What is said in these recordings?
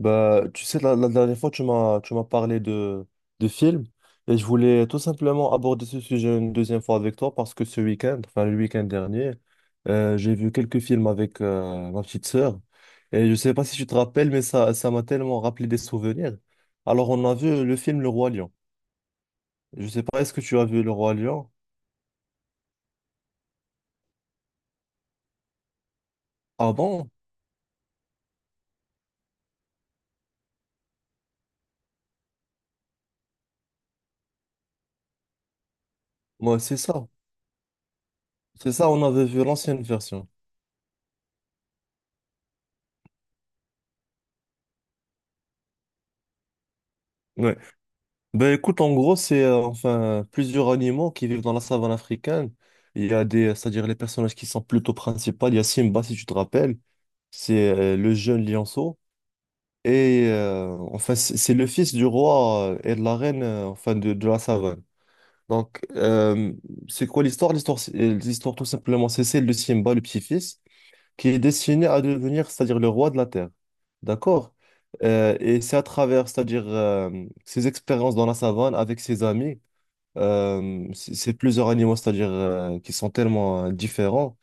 Bah, tu sais, la dernière fois, tu m'as parlé de films et je voulais tout simplement aborder ce sujet une deuxième fois avec toi parce que ce week-end, enfin le week-end dernier, j'ai vu quelques films avec ma petite sœur et je sais pas si tu te rappelles, mais ça m'a tellement rappelé des souvenirs. Alors, on a vu le film Le Roi Lion. Je sais pas, est-ce que tu as vu Le Roi Lion? Ah bon? Moi, c'est ça. C'est ça, on avait vu l'ancienne version. Ouais. Ben écoute, en gros, c'est enfin plusieurs animaux qui vivent dans la savane africaine. Il y a des, c'est-à-dire les personnages qui sont plutôt principaux. Il y a Simba, si tu te rappelles, c'est le jeune lionceau. Et enfin, c'est le fils du roi et de la reine enfin de la savane. Donc, c'est quoi l'histoire? L'histoire, l'histoire tout simplement, c'est celle de Simba, le petit-fils, qui est destiné à devenir, c'est-à-dire le roi de la terre. D'accord? Et c'est à travers, c'est-à-dire ses expériences dans la savane avec ses amis c'est plusieurs animaux, c'est-à-dire qui sont tellement différents,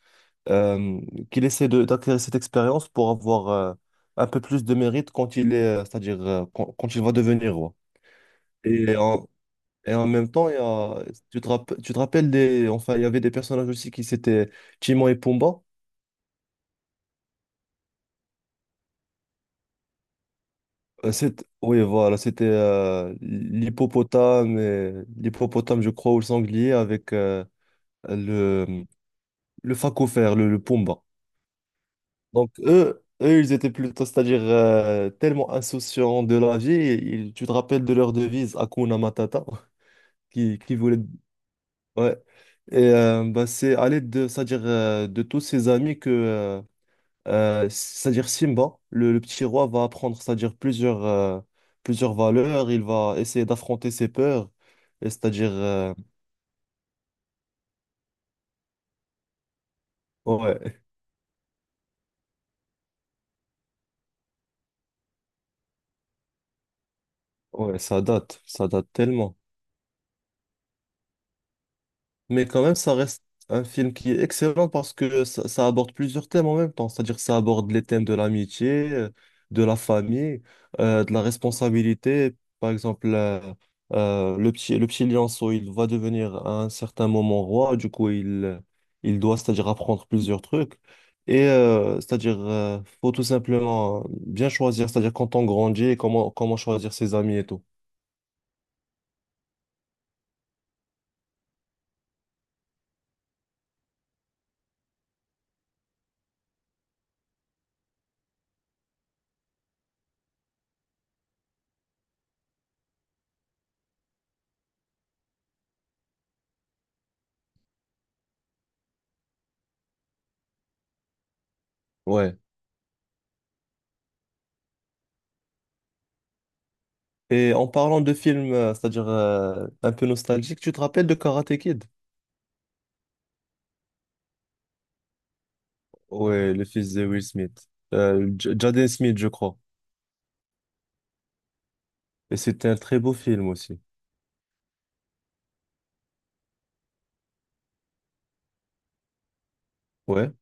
euh, qu'il essaie d'acquérir cette expérience pour avoir un peu plus de mérite quand il est, c'est-à-dire quand il va devenir roi. Et en, et en même temps, tu te rappelles des, enfin, il y avait des personnages aussi qui c'était Timon et Pumba. Oui, voilà, c'était l'hippopotame, je crois, ou le sanglier avec le, le phacophère, le Pumba. Donc eux, ils étaient plutôt, c'est-à-dire tellement insouciants de la vie, tu te rappelles de leur devise Hakuna Matata, qui voulait, ouais. Et bah, c'est à l'aide de, c'est-à-dire de tous ses amis que, c'est-à-dire Simba, le petit roi, va apprendre, c'est-à-dire plusieurs valeurs, il va essayer d'affronter ses peurs, et c'est-à-dire, ouais, ouais, ça date tellement. Mais quand même, ça reste un film qui est excellent parce que ça aborde plusieurs thèmes en même temps. C'est-à-dire que ça aborde les thèmes de l'amitié, de la famille, de la responsabilité. Par exemple, le petit lionceau, il va devenir à un certain moment roi. Du coup, il doit, c'est-à-dire apprendre plusieurs trucs. Et c'est-à-dire, faut tout simplement bien choisir, c'est-à-dire quand on grandit et comment choisir ses amis et tout. Ouais. Et en parlant de films, c'est-à-dire un peu nostalgique, tu te rappelles de Karate Kid? Ouais, le fils de Will Smith. Jaden Smith, je crois. Et c'était un très beau film aussi. Ouais.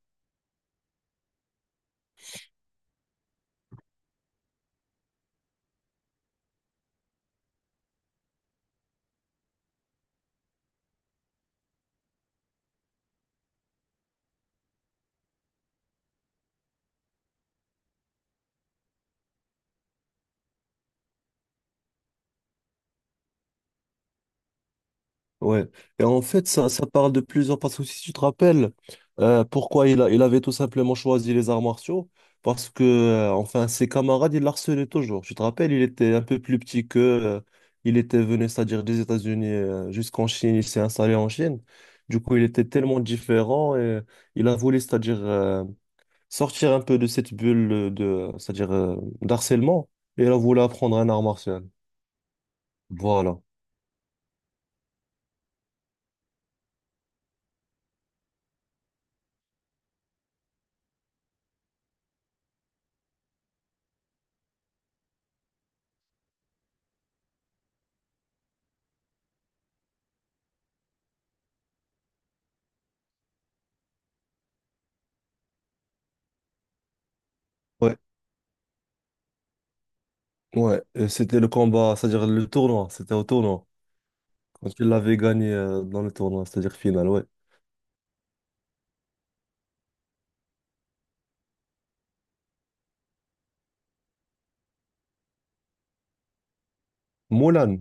Ouais. Et en fait, ça parle de plusieurs. Parce que si tu te rappelles, pourquoi il avait tout simplement choisi les arts martiaux? Parce que, enfin, ses camarades, il harcelaient toujours. Tu te rappelles, il était un peu plus petit que il était venu, c'est-à-dire des États-Unis jusqu'en Chine. Il s'est installé en Chine. Du coup, il était tellement différent et il a voulu, c'est-à-dire sortir un peu de cette bulle de, c'est-à-dire d'harcèlement. Et il a voulu apprendre un art martial. Voilà. Ouais, c'était le combat, c'est-à-dire le tournoi, c'était au tournoi. Quand il l'avait gagné dans le tournoi, c'est-à-dire final, ouais. Moulin,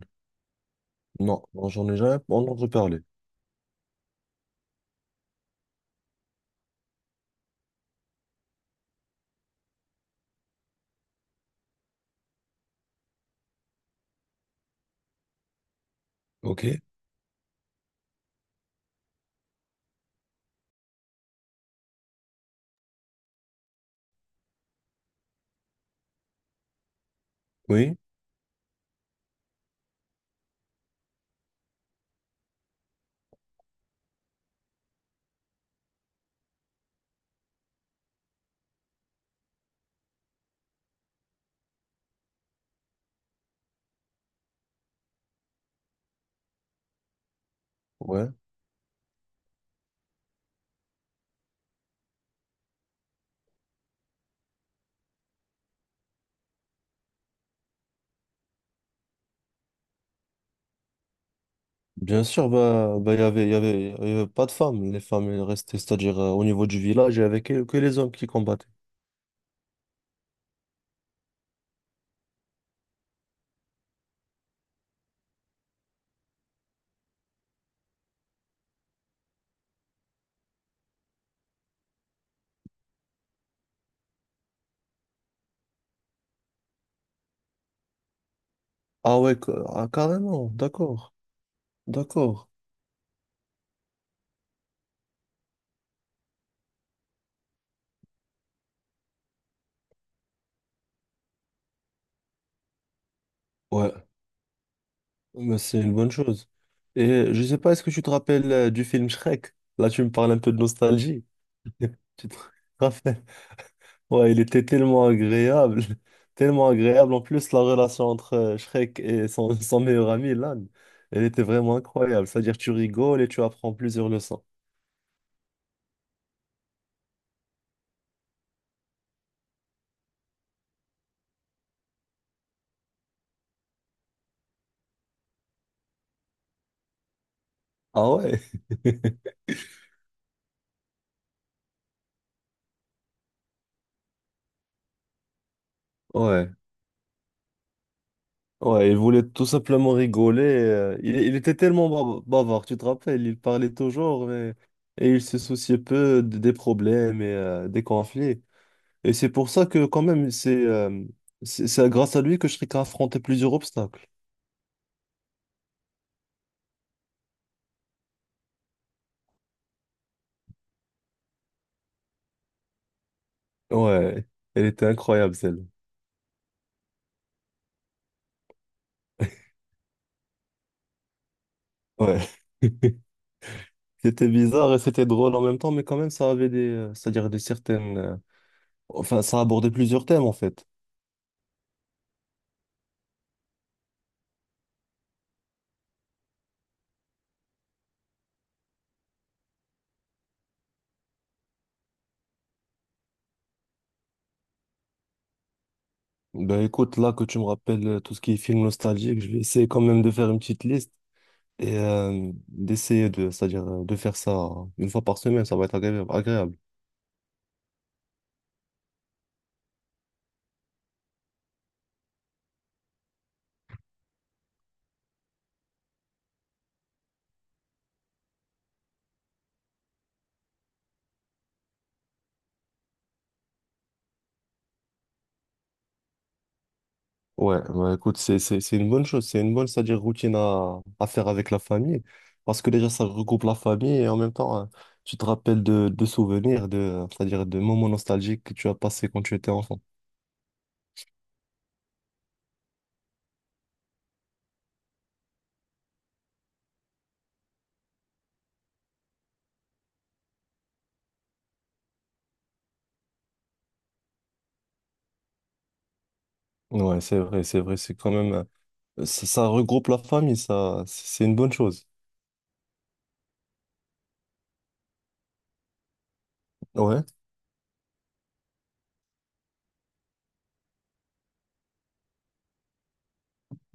non, j'en ai jamais entendu parler. Ok. Oui, ouais. Bien sûr, bah, il y avait pas de femmes. Les femmes, elles restaient, c'est-à-dire au niveau du village, il y avait que les hommes qui combattaient. Ah ouais, carrément, d'accord, d'accord. Ouais, mais c'est une bonne chose. Et je sais pas, est-ce que tu te rappelles du film Shrek? Là, tu me parles un peu de nostalgie. Tu te rappelles? Ouais, il était tellement agréable, tellement agréable. En plus, la relation entre Shrek et son, son meilleur ami, Lan, elle était vraiment incroyable. C'est-à-dire, tu rigoles et tu apprends plusieurs leçons. Ah ouais? Ouais. Ouais, il voulait tout simplement rigoler. Il était tellement bavard, tu te rappelles, il parlait toujours mais- et il se souciait peu des problèmes et des conflits. Et c'est pour ça que quand même, c'est grâce à lui que Shrek a affronté plusieurs obstacles. Ouais, elle était incroyable celle-là. Ouais. C'était bizarre et c'était drôle en même temps, mais quand même, ça avait des, c'est-à-dire des certaines, enfin, ça abordait plusieurs thèmes en fait. Ben écoute, là que tu me rappelles tout ce qui est film nostalgique, je vais essayer quand même de faire une petite liste et d'essayer de, c'est-à-dire de faire ça une fois par semaine, ça va être agréable. Ouais, bah écoute, c'est une bonne chose, c'est une bonne, c'est-à-dire routine à faire avec la famille, parce que déjà ça regroupe la famille et en même temps, hein, tu te rappelles de souvenirs, de, c'est-à-dire de moments nostalgiques que tu as passés quand tu étais enfant. Ouais, c'est vrai, c'est quand même, ça regroupe la famille, ça, c'est une bonne chose. Ouais,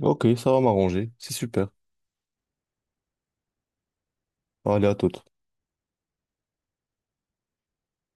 ok, ça va m'arranger, c'est super. Allez, à toute.